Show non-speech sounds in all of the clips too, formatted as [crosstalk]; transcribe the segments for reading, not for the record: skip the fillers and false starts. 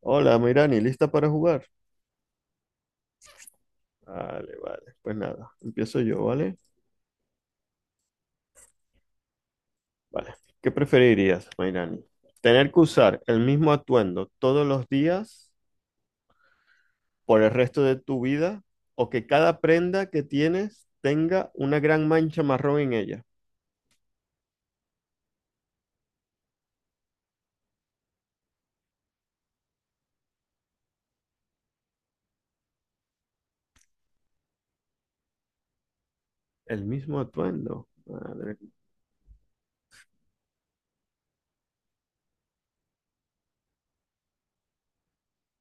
Hola, Mirani, ¿lista para jugar? Vale, vale. Pues nada, empiezo yo, ¿vale? Vale. ¿Qué preferirías, Mirani? ¿Tener que usar el mismo atuendo todos los días por el resto de tu vida o que cada prenda que tienes tenga una gran mancha marrón en ella? El mismo atuendo. Madre,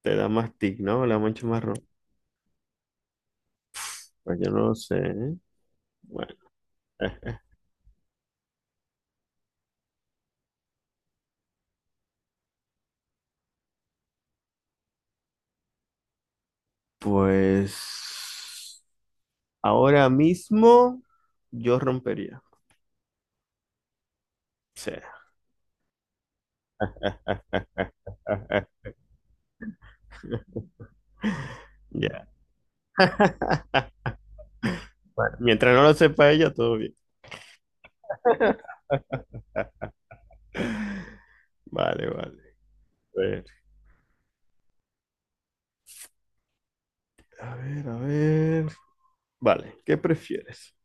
te da más tic, ¿no? La mancha marrón. Pues yo no lo sé, ¿eh? Bueno, eh, pues ahora mismo yo rompería. Sí. [laughs] Ya. Bueno, mientras no lo sepa ella, todo bien. Vale, vale. A ver, a ver, a ver. Vale, ¿qué prefieres?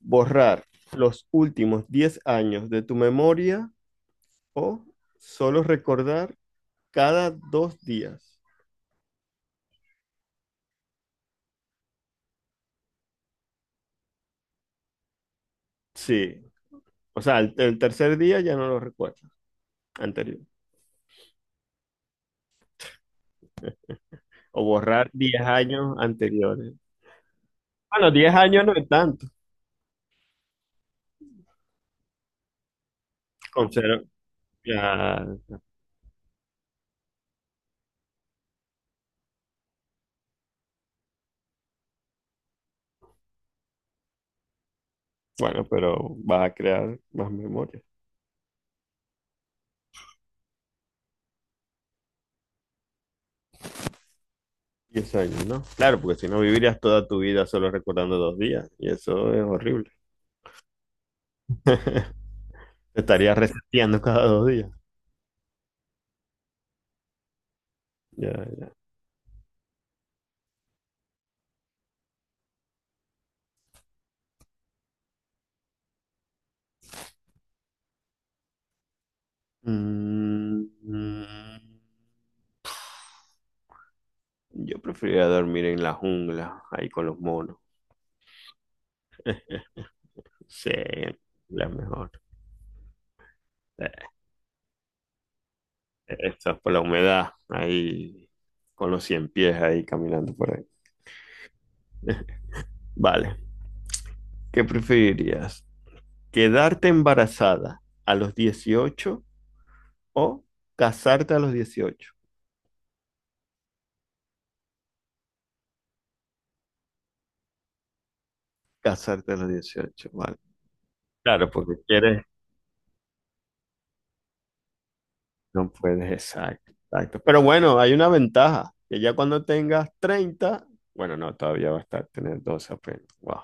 ¿Borrar los últimos 10 años de tu memoria o solo recordar cada 2 días? Sí, o sea, el tercer día ya no lo recuerdas, anterior. O borrar 10 años anteriores. Bueno, 10 años no es tanto. Con cero- ya, bueno, pero vas a crear más memoria. 10 años, ¿no? Claro, porque si no vivirías toda tu vida solo recordando 2 días, y eso es horrible. [laughs] Te estarías reseteando cada 2 días. Ya, ya. Mm, mm, yo preferiría dormir en la jungla, ahí con los monos. Sí, la mejor. Eh, Eso es por la humedad, ahí con los cien pies ahí caminando por ahí. [laughs] Vale, ¿qué preferirías? ¿Quedarte embarazada a los 18 o casarte a los 18? Casarte a los dieciocho, vale. Claro, porque quieres, no puedes, exacto, exacto. Pero bueno, hay una ventaja, que ya cuando tengas 30, bueno, no, todavía va a estar tener 12 apenas. Wow.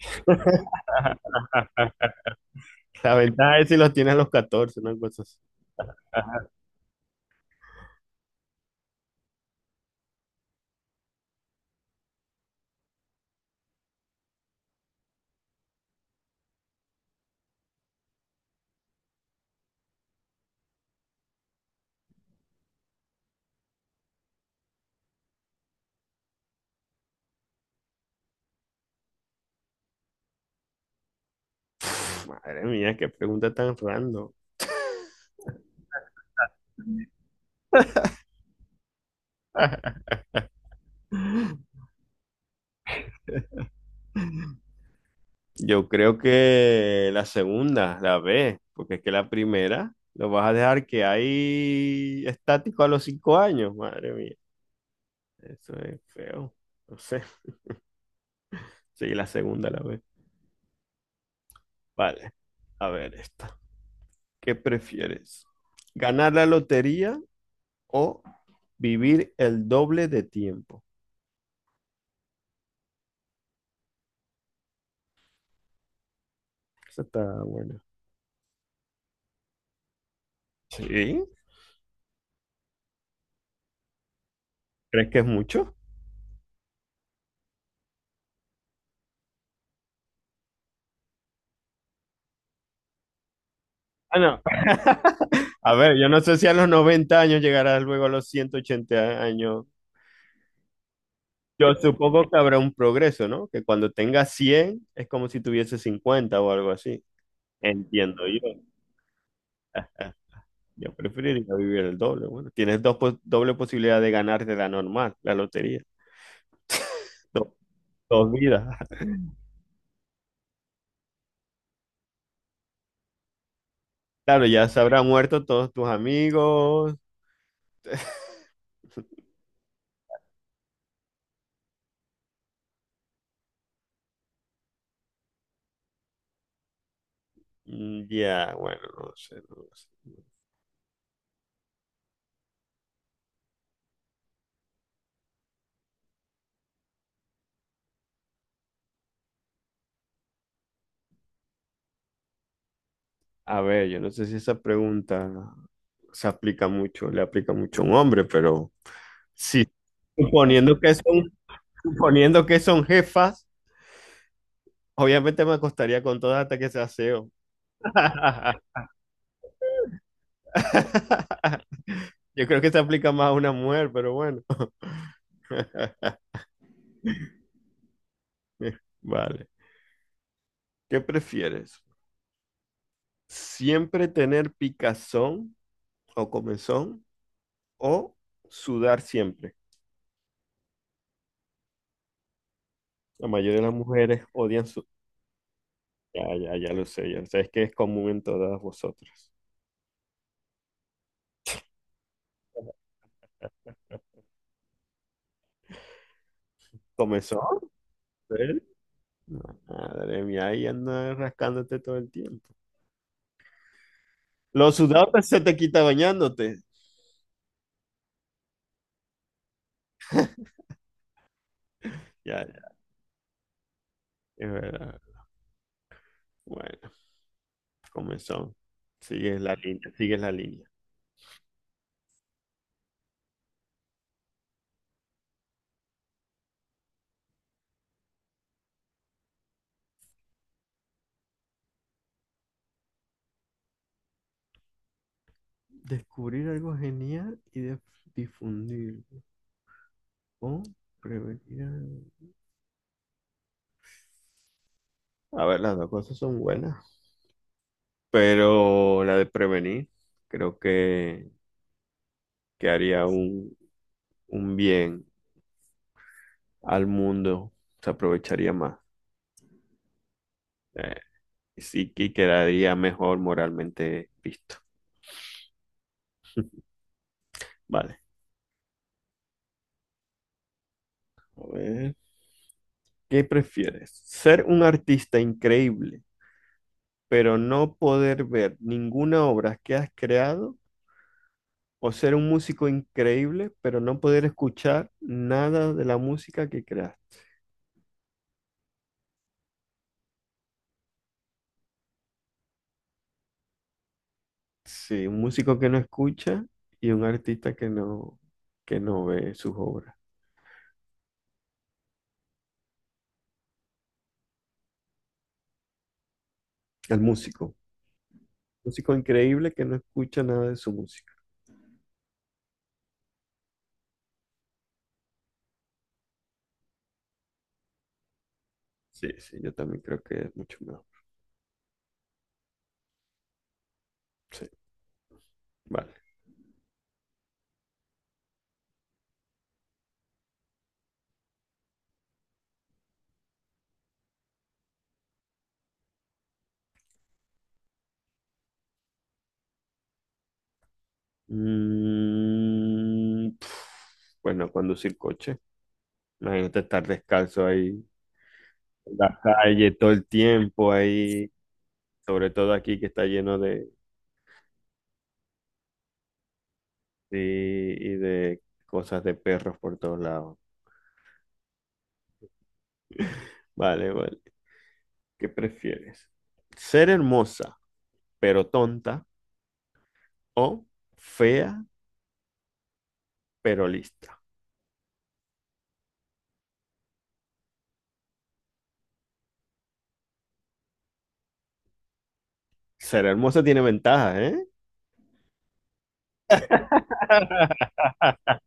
[laughs] La ventaja es si los tienes a los 14, una cosa así. Madre mía, qué pregunta tan random. [laughs] Yo creo que la segunda, la B, porque es que la primera lo vas a dejar que ahí estático a los 5 años. Madre mía, eso es feo. No sé. Sí, la segunda, la B. Vale. A ver esta. ¿Qué prefieres? ¿Ganar la lotería o vivir el doble de tiempo? Esa está buena. ¿Sí? ¿Crees que es mucho? Ah, no. A ver, yo no sé si a los 90 años llegarás luego a los 180 años. Yo supongo que habrá un progreso, ¿no? Que cuando tenga 100 es como si tuviese 50 o algo así. Entiendo yo. Yo preferiría vivir el doble. Bueno, tienes doble posibilidad de ganar de la normal, la lotería. Do- dos vidas. [laughs] Claro, ya se habrán muerto todos tus amigos. [laughs] Mm. Ya, bueno, no sé, no lo sé. A ver, yo no sé si esa pregunta se aplica mucho, le aplica mucho a un hombre, pero sí, suponiendo que son, suponiendo que son jefas. Obviamente me acostaría con todas hasta que sea SEO. [laughs] Yo creo que se aplica más a una mujer, pero bueno. [laughs] Vale. ¿Qué prefieres? ¿Siempre tener picazón o comezón o sudar siempre? La mayoría de las mujeres odian su... Ya, ya, ya lo sé, ya lo sé. Es que es común en todas vosotras. ¿Comezón? ¿Eh? No, madre mía, ahí andas rascándote todo el tiempo. Los sudados se te quita bañándote. Ya, ya, es verdad. Bueno, comenzó. Sigue la línea, sigue la línea. Descubrir algo genial y difundir. O prevenir algo. A ver, las dos cosas son buenas. Pero la de prevenir, creo que haría un bien al mundo. Se aprovecharía más. Eh, y sí que quedaría mejor moralmente visto. [laughs] Vale. A ver. ¿Qué prefieres? ¿Ser un artista increíble, pero no poder ver ninguna obra que has creado, o ser un músico increíble, pero no poder escuchar nada de la música que creas? Sí, un músico que no escucha y un artista que no ve sus obras. El músico. Músico increíble que no escucha nada de su música. Sí, sí, yo también creo que es mucho mejor. Sí, vale. Mm, pf, bueno, conducir coche. Imagínate estar descalzo ahí la calle todo el tiempo ahí, sobre todo aquí que está lleno de, y de cosas de perros por todos lados. Vale, vale. ¿Qué prefieres? ¿Ser hermosa pero tonta o fea pero lista? Ser hermosa tiene ventajas, ¿eh? [laughs]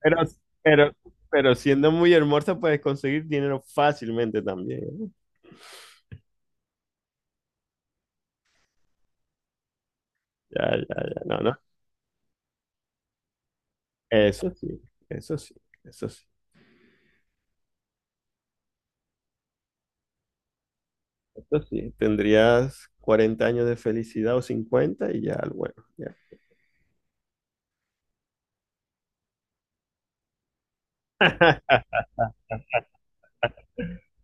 Pero, pero, pero siendo muy hermosa puedes conseguir dinero fácilmente también, ¿eh? Ya, ya, ya, no, no. Eso sí, eso sí, eso sí. Eso sí, tendrías 40 años de felicidad o 50 y ya, bueno, ya.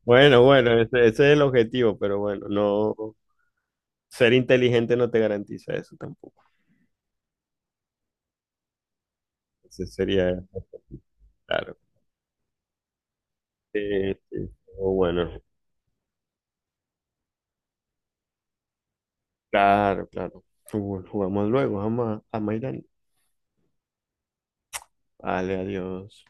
Bueno, bueno, ese es el objetivo, pero bueno, no ser inteligente no te garantiza eso tampoco. Ese sería, claro. Sí, sí. O bueno, claro, claro. Jugamos luego, vamos a Maidán. Vale, adiós.